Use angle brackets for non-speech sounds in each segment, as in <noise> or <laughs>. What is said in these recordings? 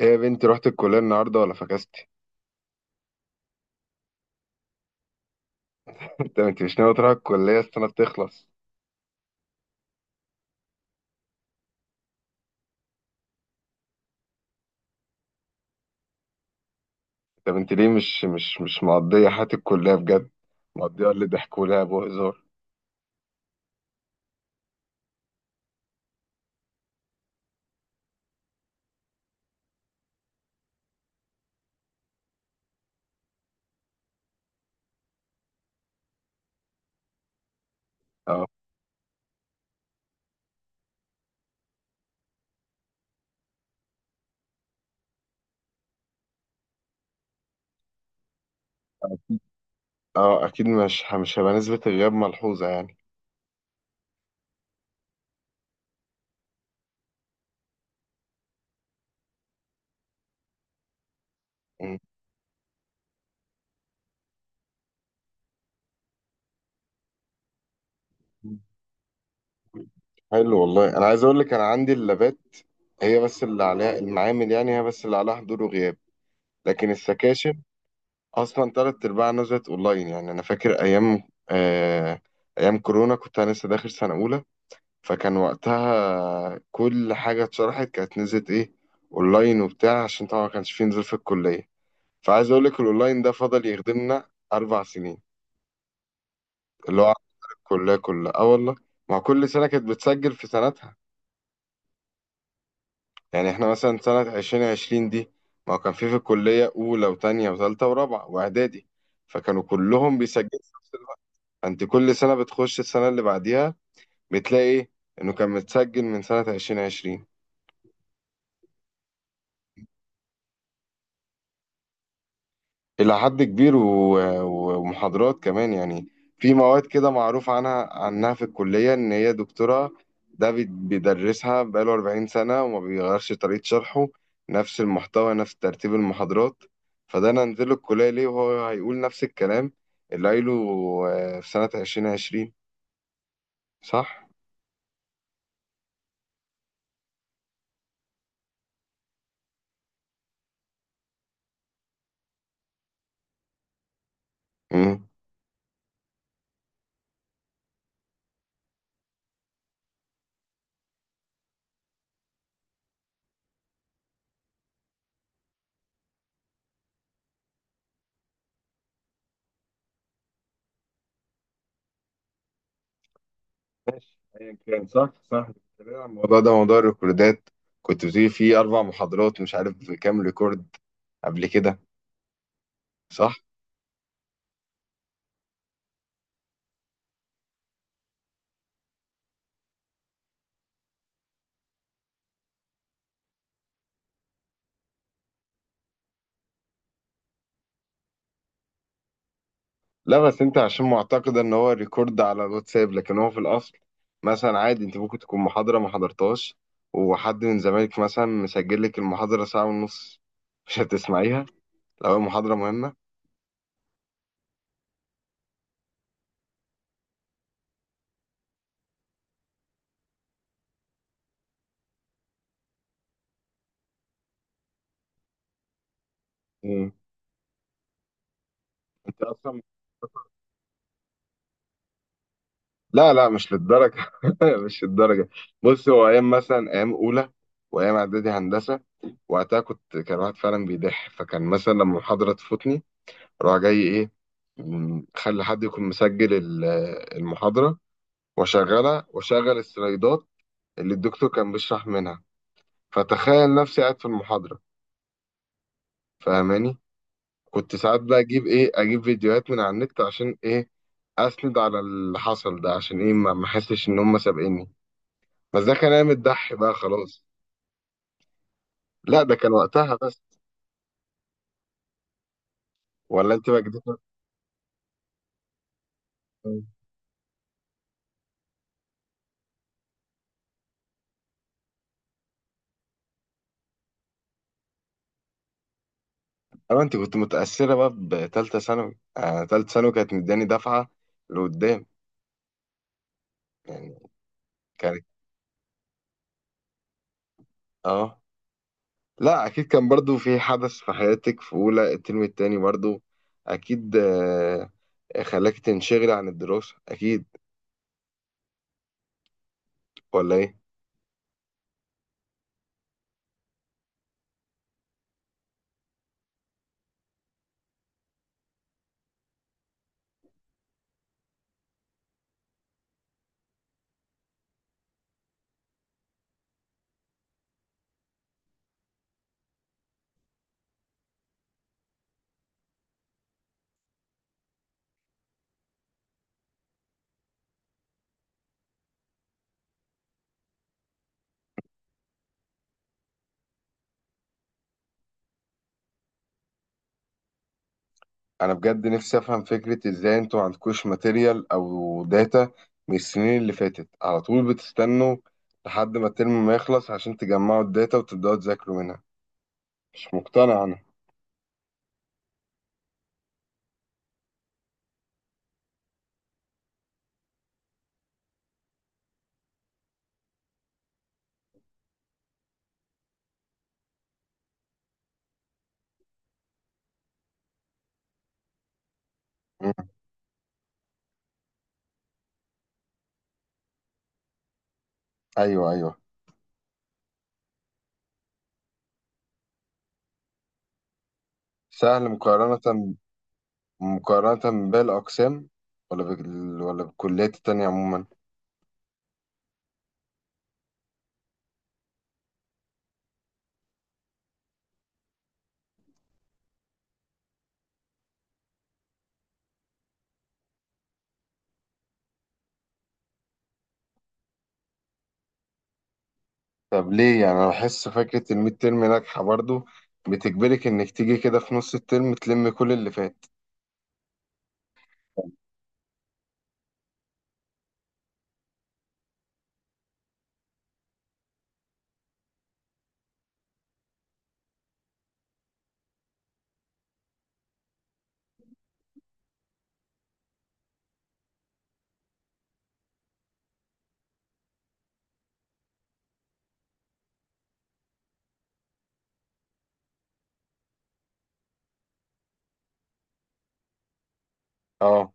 ايه يا بنتي، رحت الكلية النهاردة ولا فكستي؟ <laughs> انت مش ناوي تروح الكلية السنة تخلص. طب انت بنتي، ليه مش مقضية حياة الكلية بجد؟ مقضية اللي ضحك ولعب وهزار. اه، اه، اكيد مش هيبقى نسبة الغياب ملحوظة يعني. مم. حلو والله، انا عايز اقول لك انا عندي اللابات، هي بس اللي عليها المعامل، يعني هي بس اللي عليها حضور وغياب. لكن السكاشن اصلا تلات ارباعها نزلت اونلاين، يعني انا فاكر ايام، آه، ايام كورونا كنت انا لسه داخل سنة اولى، فكان وقتها كل حاجة اتشرحت كانت نزلت ايه، اونلاين وبتاع، عشان طبعا ما كانش فيه نزول في الكلية. فعايز اقول لك الاونلاين ده فضل يخدمنا 4 سنين، اللي هو الكلية كلها. اه والله، مع كل سنة كانت بتسجل في سنتها. يعني احنا مثلا سنة 2020 دي، ما هو كان في الكلية أولى وتانية وتالتة ورابعة وإعدادي، فكانوا كلهم بيسجلوا في نفس الوقت. فأنت كل سنة بتخش السنة اللي بعديها، بتلاقي إيه؟ إنه كان متسجل من سنة 2020، إلى حد كبير، ومحاضرات كمان يعني. في مواد كده معروف عنها في الكلية إن هي دكتورة، ده بيدرسها بقاله 40 سنة، وما بيغيرش طريقة شرحه، نفس المحتوى، نفس ترتيب المحاضرات. فده أنا أنزله الكلية ليه، وهو هيقول نفس الكلام اللي قايله، في سنة 2020، صح؟ مم. ماشي، أيا كان. صح، صح، بتتكلم عن الموضوع ده، موضوع الريكوردات. كنت بتقولي فيه 4 محاضرات، مش عارف كام ريكورد قبل كده، صح؟ لا، بس انت عشان معتقد ان هو ريكورد على الواتساب، لكن هو في الاصل مثلا عادي انت ممكن تكون محاضرة ما حضرتهاش، وحد من زمايلك مثلا مسجل لك المحاضرة ساعة ونص. <laughs> مش هتسمعيها لو هي محاضرة مهمة. مم. انت اصلا. لا، لا، مش للدرجة. <laughs> مش للدرجة. بص، هو ايام مثلا، ايام اولى، وايام اعدادي هندسة، وقتها كنت كان واحد فعلا بيضح، فكان مثلا لما المحاضرة تفوتني اروح جاي ايه، خلي حد يكون مسجل المحاضرة، وشغلها، وشغل السلايدات اللي الدكتور كان بيشرح منها، فتخيل نفسي قاعد في المحاضرة، فاهماني. كنت ساعات بقى اجيب ايه، اجيب فيديوهات من على النت، عشان ايه؟ اسند على اللي حصل ده، عشان ايه؟ ما احسش ان هم سابقيني. بس ده كان ايام الدح بقى خلاص. لا، ده كان وقتها بس، ولا انت بقى جديد. اما انت كنت متأثرة بقى بتالتة ثانوي، تالتة ثانوي كانت مداني دفعة لقدام يعني، كانت. اه، لا، اكيد كان برضو في حدث في حياتك في اولى الترم التاني برضو، اكيد، خلاك تنشغل عن الدراسة، اكيد، ولا ايه؟ انا بجد نفسي افهم فكرة، ازاي انتوا عندكوش ماتيريال او داتا من السنين اللي فاتت، على طول بتستنوا لحد ما الترم ما يخلص عشان تجمعوا الداتا وتبدأوا تذاكروا منها، مش مقتنع انا. مم. ايوه، ايوه. سهل مقارنة، مقارنة باقي الاقسام، ولا بالكليات التانية عموما. طب ليه؟ يعني انا بحس فكره الميد ترم ناجحه برضو، بتجبرك انك تيجي كده في نص الترم تلم كل اللي فات. اه،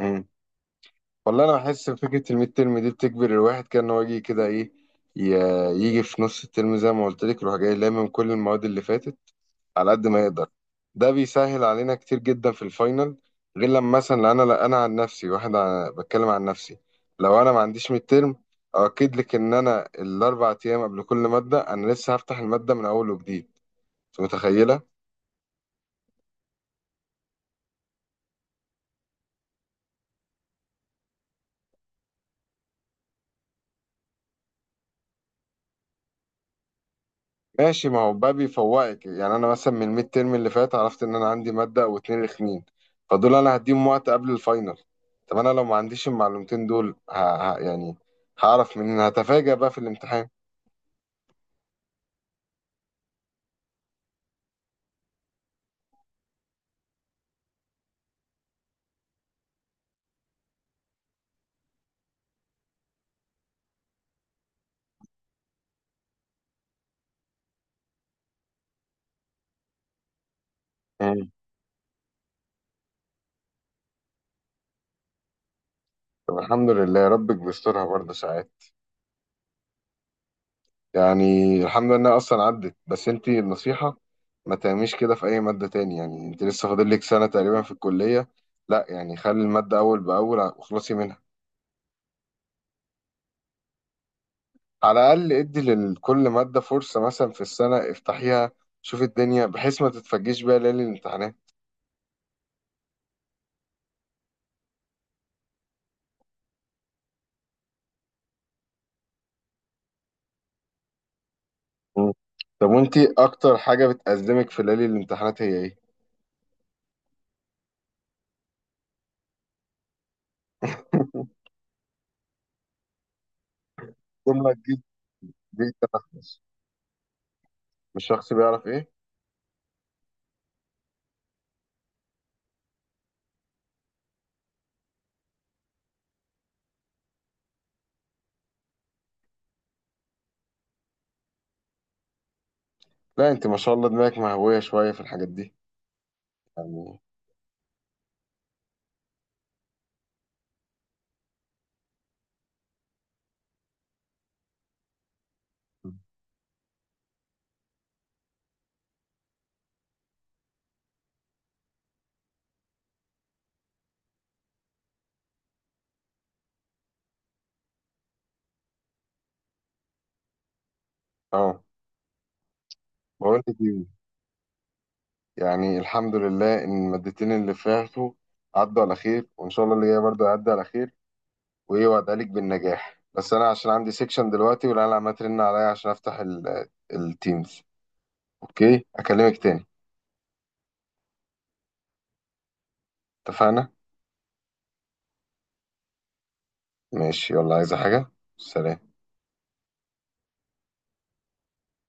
امم والله انا بحس فكره الميد ترم دي بتجبر الواحد كده ان هو يجي كده ايه، ي- يجي في نص الترم زي ما قلت لك، يروح جاي لامم كل المواد اللي فاتت على قد ما يقدر، ده بيسهل علينا كتير جدا في الفاينل. غير لما مثلا انا، لا انا عن نفسي، واحد، بتكلم عن نفسي، لو انا ما عنديش ميد ترم، اؤكد لك ان انا الاربع ايام قبل كل ماده انا لسه هفتح الماده من اول وجديد. أنت متخيله؟ ماشي، ما هو بقى بيفوقك. يعني انا مثلا من الميد تيرم اللي فات عرفت ان انا عندي ماده او اتنين رخمين، فدول انا هديهم وقت قبل الفاينل. طب انا لو ما عنديش المعلومتين دول، يعني هعرف منين؟ هتفاجأ بقى في الامتحان. مم. طب الحمد لله، ربك بيسترها برضه ساعات. يعني الحمد لله انها اصلا عدت، بس انت النصيحه ما تعمليش كده في اي ماده تاني، يعني انت لسه فاضل لك سنه تقريبا في الكليه، لا يعني خلي الماده اول باول واخلصي منها. على الأقل ادي لكل مادة فرصة، مثلا في السنة افتحيها، شوف الدنيا، بحيث ما تتفاجئيش بيها ليالي الامتحانات. مم. طب وانتي أكتر حاجة بتأزمك في ليالي الامتحانات هي ايه؟ <laughs> جملة دي. دي تنفس. مش شخص بيعرف ايه؟ لا، انت ما شاء الله دماغك مهوية شوية في الحاجات دي، يعني. مم. اه، بقول لك ايه، يعني الحمد لله ان المادتين اللي فاتوا عدوا على خير، وان شاء الله اللي جاي برضه هيعدي على خير، وايه، وادعيلك بالنجاح، بس انا عشان عندي سيكشن دلوقتي والعيال عماله ترن عليا عشان افتح التيمز. اوكي، اكلمك تاني، اتفقنا. ماشي، يلا، عايزة حاجة. سلام.